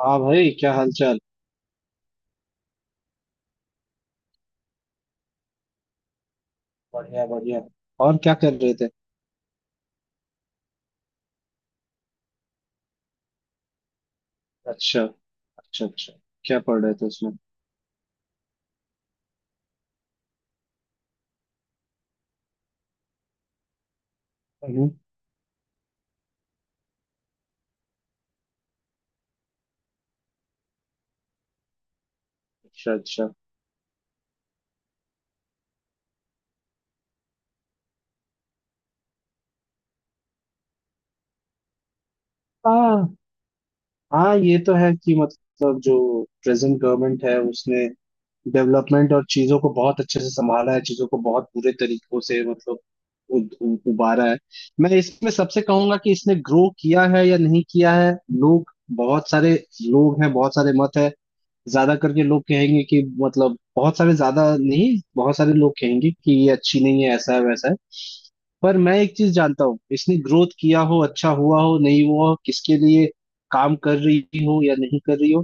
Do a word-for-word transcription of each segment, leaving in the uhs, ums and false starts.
हाँ भाई, क्या हालचाल। बढ़िया बढ़िया। और क्या कर रहे थे। अच्छा अच्छा अच्छा, क्या पढ़ रहे थे उसमें। हम्म। अच्छा अच्छा। हाँ हाँ, ये तो है कि मतलब जो प्रेजेंट गवर्नमेंट है उसने डेवलपमेंट और चीजों को बहुत अच्छे से संभाला है, चीजों को बहुत बुरे तरीकों से मतलब उ, उ, उबारा है। मैं इसमें सबसे कहूंगा कि इसने ग्रो किया है या नहीं किया है। लोग, बहुत सारे लोग हैं, बहुत सारे मत है। ज्यादा करके लोग कहेंगे कि मतलब बहुत सारे, ज्यादा नहीं, बहुत सारे लोग कहेंगे कि ये अच्छी नहीं है, ऐसा है वैसा है। पर मैं एक चीज जानता हूँ, इसने ग्रोथ किया हो अच्छा हुआ हो नहीं हुआ हो, किसके लिए काम कर रही हो या नहीं कर रही हो,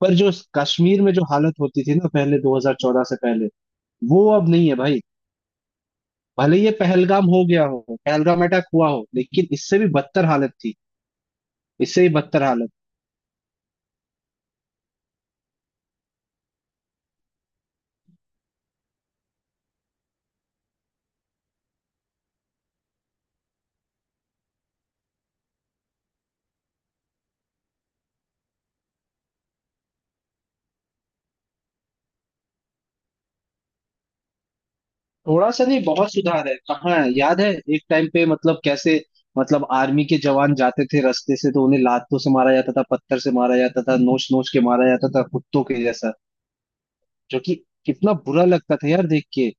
पर जो कश्मीर में जो हालत होती थी ना पहले दो हज़ार चौदह से पहले, वो अब नहीं है भाई। भले ये पहलगाम हो गया हो, पहलगाम अटैक हुआ हो, लेकिन इससे भी बदतर हालत थी, इससे भी बदतर हालत। थोड़ा सा नहीं, बहुत सुधार है। कहाँ है? याद है, एक टाइम पे मतलब कैसे, मतलब आर्मी के जवान जाते थे रास्ते से तो उन्हें लातों से मारा जाता था, पत्थर से मारा जाता था, नोच नोच के मारा जाता था, कुत्तों के जैसा। जो कि कितना बुरा लगता था यार देख के।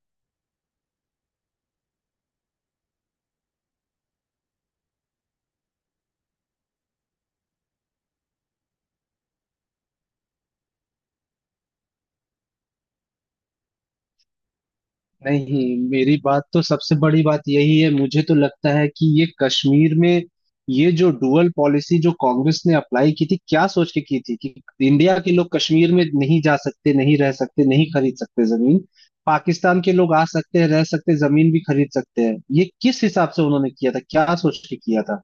नहीं, मेरी बात तो सबसे बड़ी बात यही है, मुझे तो लगता है कि ये कश्मीर में ये जो डुअल पॉलिसी जो कांग्रेस ने अप्लाई की थी, क्या सोच के की थी कि इंडिया के लोग कश्मीर में नहीं जा सकते, नहीं रह सकते, नहीं खरीद सकते जमीन, पाकिस्तान के लोग आ सकते हैं, रह सकते, जमीन भी खरीद सकते हैं। ये किस हिसाब से उन्होंने किया था, क्या सोच के किया था।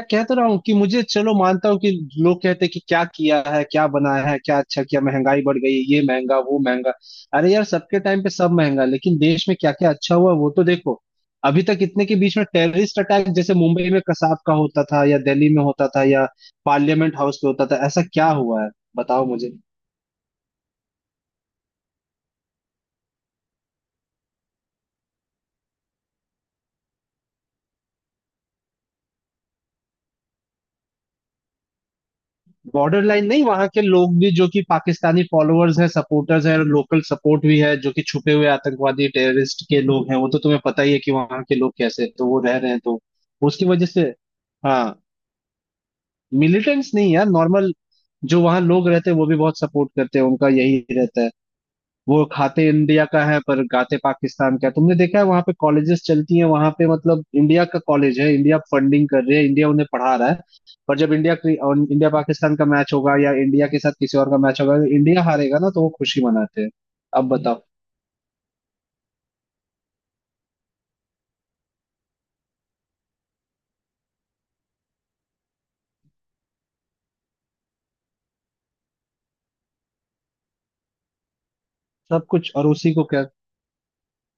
मैं कह तो रहा हूँ कि मुझे चलो मानता हूँ कि लोग कहते हैं कि क्या किया है, क्या बनाया है, क्या अच्छा किया, महंगाई बढ़ गई, ये महंगा वो महंगा। अरे यार, सबके टाइम पे सब महंगा, लेकिन देश में क्या क्या अच्छा हुआ वो तो देखो। अभी तक इतने के बीच में टेररिस्ट अटैक जैसे मुंबई में कसाब का होता था, या दिल्ली में होता था, या पार्लियामेंट हाउस पे होता था, ऐसा क्या हुआ है, बताओ मुझे। बॉर्डर लाइन नहीं, वहां के लोग भी जो कि पाकिस्तानी फॉलोअर्स हैं, सपोर्टर्स हैं, लोकल सपोर्ट भी है, जो कि छुपे हुए आतंकवादी टेररिस्ट के लोग हैं, वो तो तुम्हें पता ही है कि वहां के लोग कैसे हैं, तो वो रह रहे हैं तो उसकी वजह से। हाँ, मिलिटेंट्स नहीं यार, नॉर्मल जो वहाँ लोग रहते हैं वो भी बहुत सपोर्ट करते हैं, उनका यही रहता है। वो खाते इंडिया का है पर गाते पाकिस्तान का है। तुमने देखा है वहां पे कॉलेजेस चलती हैं, वहां पे मतलब इंडिया का कॉलेज है, इंडिया फंडिंग कर रही है, इंडिया उन्हें पढ़ा रहा है, पर जब इंडिया और इंडिया पाकिस्तान का मैच होगा या इंडिया के साथ किसी और का मैच होगा, इंडिया हारेगा ना तो वो खुशी मनाते हैं। अब बताओ। सब कुछ, और उसी को क्या,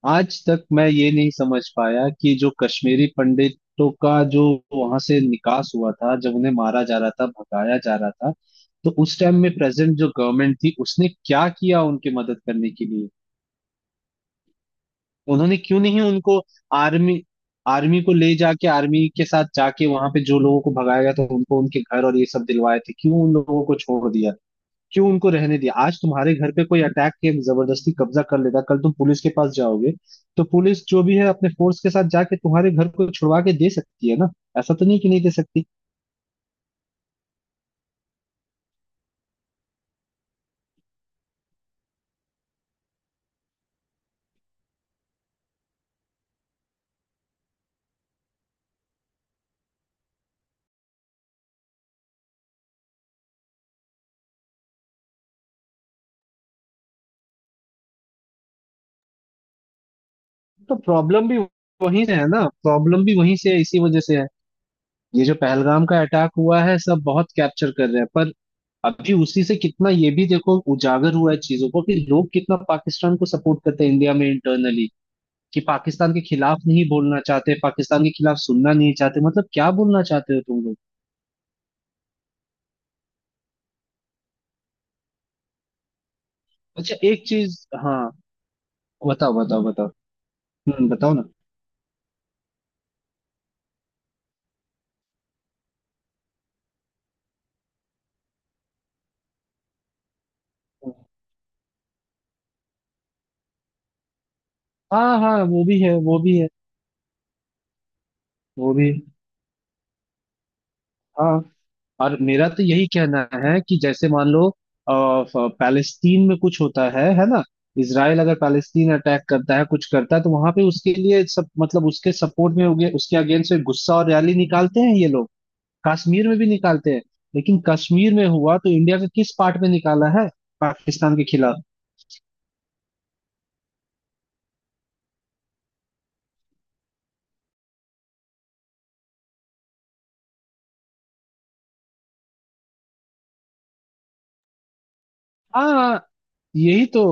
आज तक मैं ये नहीं समझ पाया कि जो कश्मीरी पंडितों का जो वहां से निकास हुआ था, जब उन्हें मारा जा रहा था, भगाया जा रहा था, तो उस टाइम में प्रेजेंट जो गवर्नमेंट थी उसने क्या किया उनकी मदद करने के लिए। उन्होंने क्यों नहीं उनको आर्मी आर्मी को ले जाके, आर्मी के साथ जाके, वहां पे जो लोगों को भगाया गया था उनको उनके घर और ये सब दिलवाए थे, क्यों उन लोगों को छोड़ दिया, क्यों उनको रहने दिया। आज तुम्हारे घर पे कोई अटैक के जबरदस्ती कब्जा कर लेता, कल तुम पुलिस के पास जाओगे तो पुलिस जो भी है अपने फोर्स के साथ जाके तुम्हारे घर को छुड़वा के दे सकती है ना, ऐसा तो नहीं कि नहीं दे सकती। तो प्रॉब्लम भी वहीं से है ना, प्रॉब्लम भी वहीं से है, इसी वजह से है। ये जो पहलगाम का अटैक हुआ है, सब बहुत कैप्चर कर रहे हैं, पर अभी उसी से कितना ये भी देखो उजागर हुआ है चीजों को कि लोग कितना पाकिस्तान को सपोर्ट करते हैं इंडिया में इंटरनली, कि पाकिस्तान के खिलाफ नहीं बोलना चाहते, पाकिस्तान के खिलाफ सुनना नहीं चाहते, मतलब क्या बोलना चाहते हो तुम लोग। अच्छा एक चीज, हाँ, बताओ बताओ बताओ, हम्म बताओ ना। हाँ हाँ, वो भी है, वो भी है, वो भी है। हाँ, और मेरा तो यही कहना है कि जैसे मान लो अ, फ- पैलेस्तीन में कुछ होता है है ना, इसराइल अगर पैलेस्तीन अटैक करता है, कुछ करता है तो वहां पे उसके लिए सब, मतलब उसके सपोर्ट में हो गया, उसके अगेंस्ट में गुस्सा और रैली निकालते हैं ये लोग। कश्मीर में भी निकालते हैं, लेकिन कश्मीर में हुआ तो इंडिया का किस पार्ट में निकाला है पाकिस्तान के खिलाफ। हाँ, यही तो।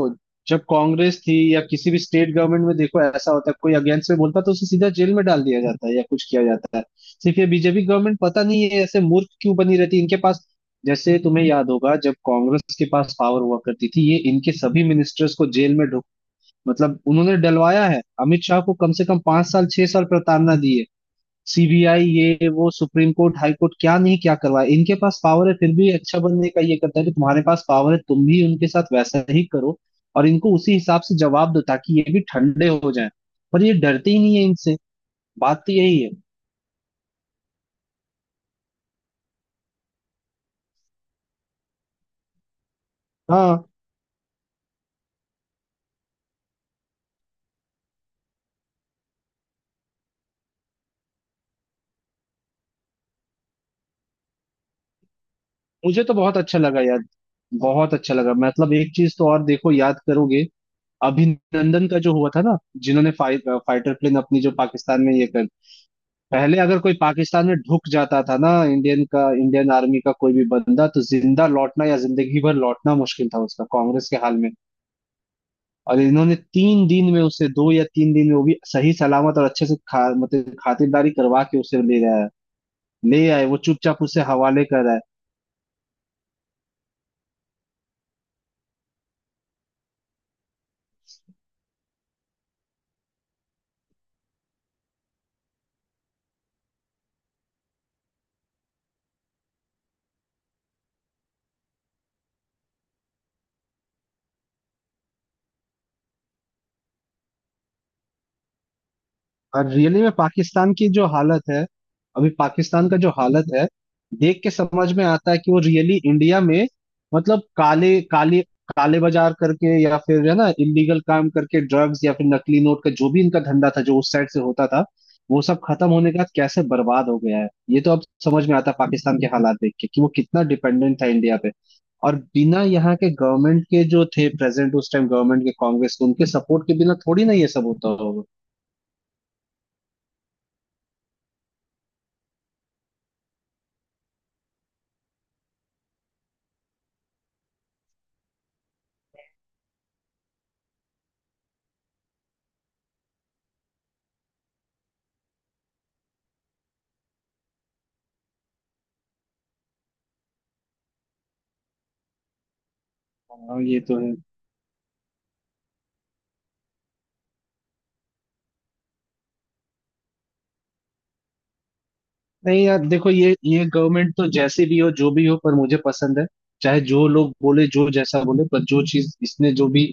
जब कांग्रेस थी या किसी भी स्टेट गवर्नमेंट में देखो, ऐसा होता है, कोई अगेंस्ट में बोलता है तो उसे सीधा जेल में डाल दिया जाता है या कुछ किया जाता है। सिर्फ ये बीजेपी गवर्नमेंट पता नहीं है ऐसे मूर्ख क्यों बनी रहती है इनके पास। जैसे तुम्हें याद होगा जब कांग्रेस के पास पावर हुआ करती थी, ये इनके सभी मिनिस्टर्स को जेल में ढुक, मतलब उन्होंने डलवाया है, अमित शाह को कम से कम पांच साल छह साल प्रताड़ना दी है। सीबीआई, ये वो, सुप्रीम कोर्ट, हाई कोर्ट, क्या नहीं क्या करवाए। इनके पास पावर है फिर भी अच्छा बनने का, ये करता है कि तुम्हारे पास पावर है तुम भी उनके साथ वैसा ही करो और इनको उसी हिसाब से जवाब दो ताकि ये भी ठंडे हो जाएं, पर ये डरते ही नहीं है इनसे, बात तो यही है। हाँ, मुझे तो बहुत अच्छा लगा यार, बहुत अच्छा लगा। मतलब एक चीज तो और देखो, याद करोगे, अभिनंदन का जो हुआ था ना, जिन्होंने फाइट, फाइटर प्लेन अपनी जो पाकिस्तान में ये कर, पहले अगर कोई पाकिस्तान में ढुक जाता था ना, इंडियन का, इंडियन आर्मी का कोई भी बंदा, तो जिंदा लौटना या जिंदगी भर लौटना मुश्किल था उसका, कांग्रेस के हाल में। और इन्होंने तीन दिन में उसे, दो या तीन दिन में वो भी सही सलामत और अच्छे से खा, मतलब खातिरदारी करवा के उसे ले आया, ले आए, वो चुपचाप उसे हवाले कर आए। और रियली में पाकिस्तान की जो हालत है, अभी पाकिस्तान का जो हालत है, देख के समझ में आता है कि वो रियली इंडिया में, मतलब काले काले काले बाजार करके या फिर है ना, इलीगल काम करके, ड्रग्स या फिर नकली नोट का जो भी इनका धंधा था जो उस साइड से होता था, वो सब खत्म होने के बाद कैसे बर्बाद हो गया है, ये तो अब समझ में आता है पाकिस्तान के हालात देख के कि वो कितना डिपेंडेंट था इंडिया पे। और बिना यहाँ के गवर्नमेंट के जो थे प्रेसिडेंट उस टाइम गवर्नमेंट के, कांग्रेस के, उनके सपोर्ट के बिना थोड़ी ना ये सब होता होगा। हाँ ये तो है। नहीं यार देखो, ये ये गवर्नमेंट तो जैसे भी हो जो भी हो पर मुझे पसंद है। चाहे जो लोग बोले, जो जैसा बोले, पर जो चीज इसने जो भी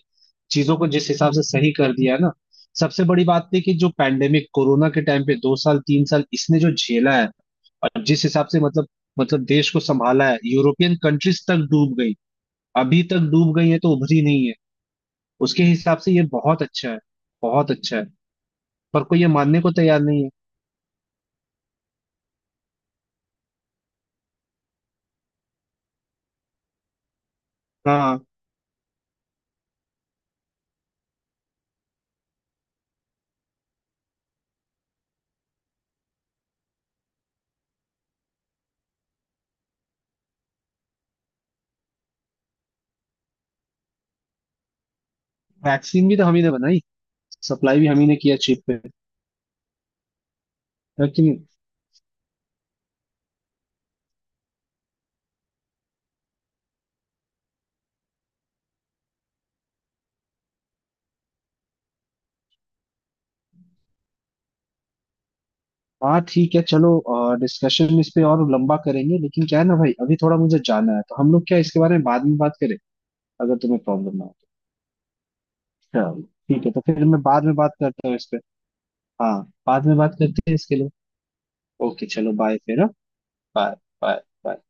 चीजों को जिस हिसाब से सही कर दिया है ना, सबसे बड़ी बात थी कि जो पैंडेमिक कोरोना के टाइम पे दो साल तीन साल इसने जो झेला है, और जिस हिसाब से मतलब, मतलब देश को संभाला है, यूरोपियन कंट्रीज तक डूब गई, अभी तक डूब गई है तो उभरी नहीं है। उसके हिसाब से ये बहुत अच्छा है, बहुत अच्छा है, पर कोई ये मानने को तैयार नहीं है। हाँ, वैक्सीन भी तो हम ही ने बनाई, सप्लाई भी हम ही ने किया, चीप। लेकिन हाँ, ठीक है चलो, डिस्कशन इस पे और लंबा करेंगे लेकिन क्या है ना भाई अभी थोड़ा मुझे जाना है, तो हम लोग क्या इसके बारे में बाद में बात करें अगर तुम्हें प्रॉब्लम ना हो तो। चलो ठीक है, तो फिर मैं बाद में बात करता हूँ इस पे। हाँ, बाद में बात करते हैं इसके लिए। ओके, चलो बाय फिर। हाँ, बाय बाय।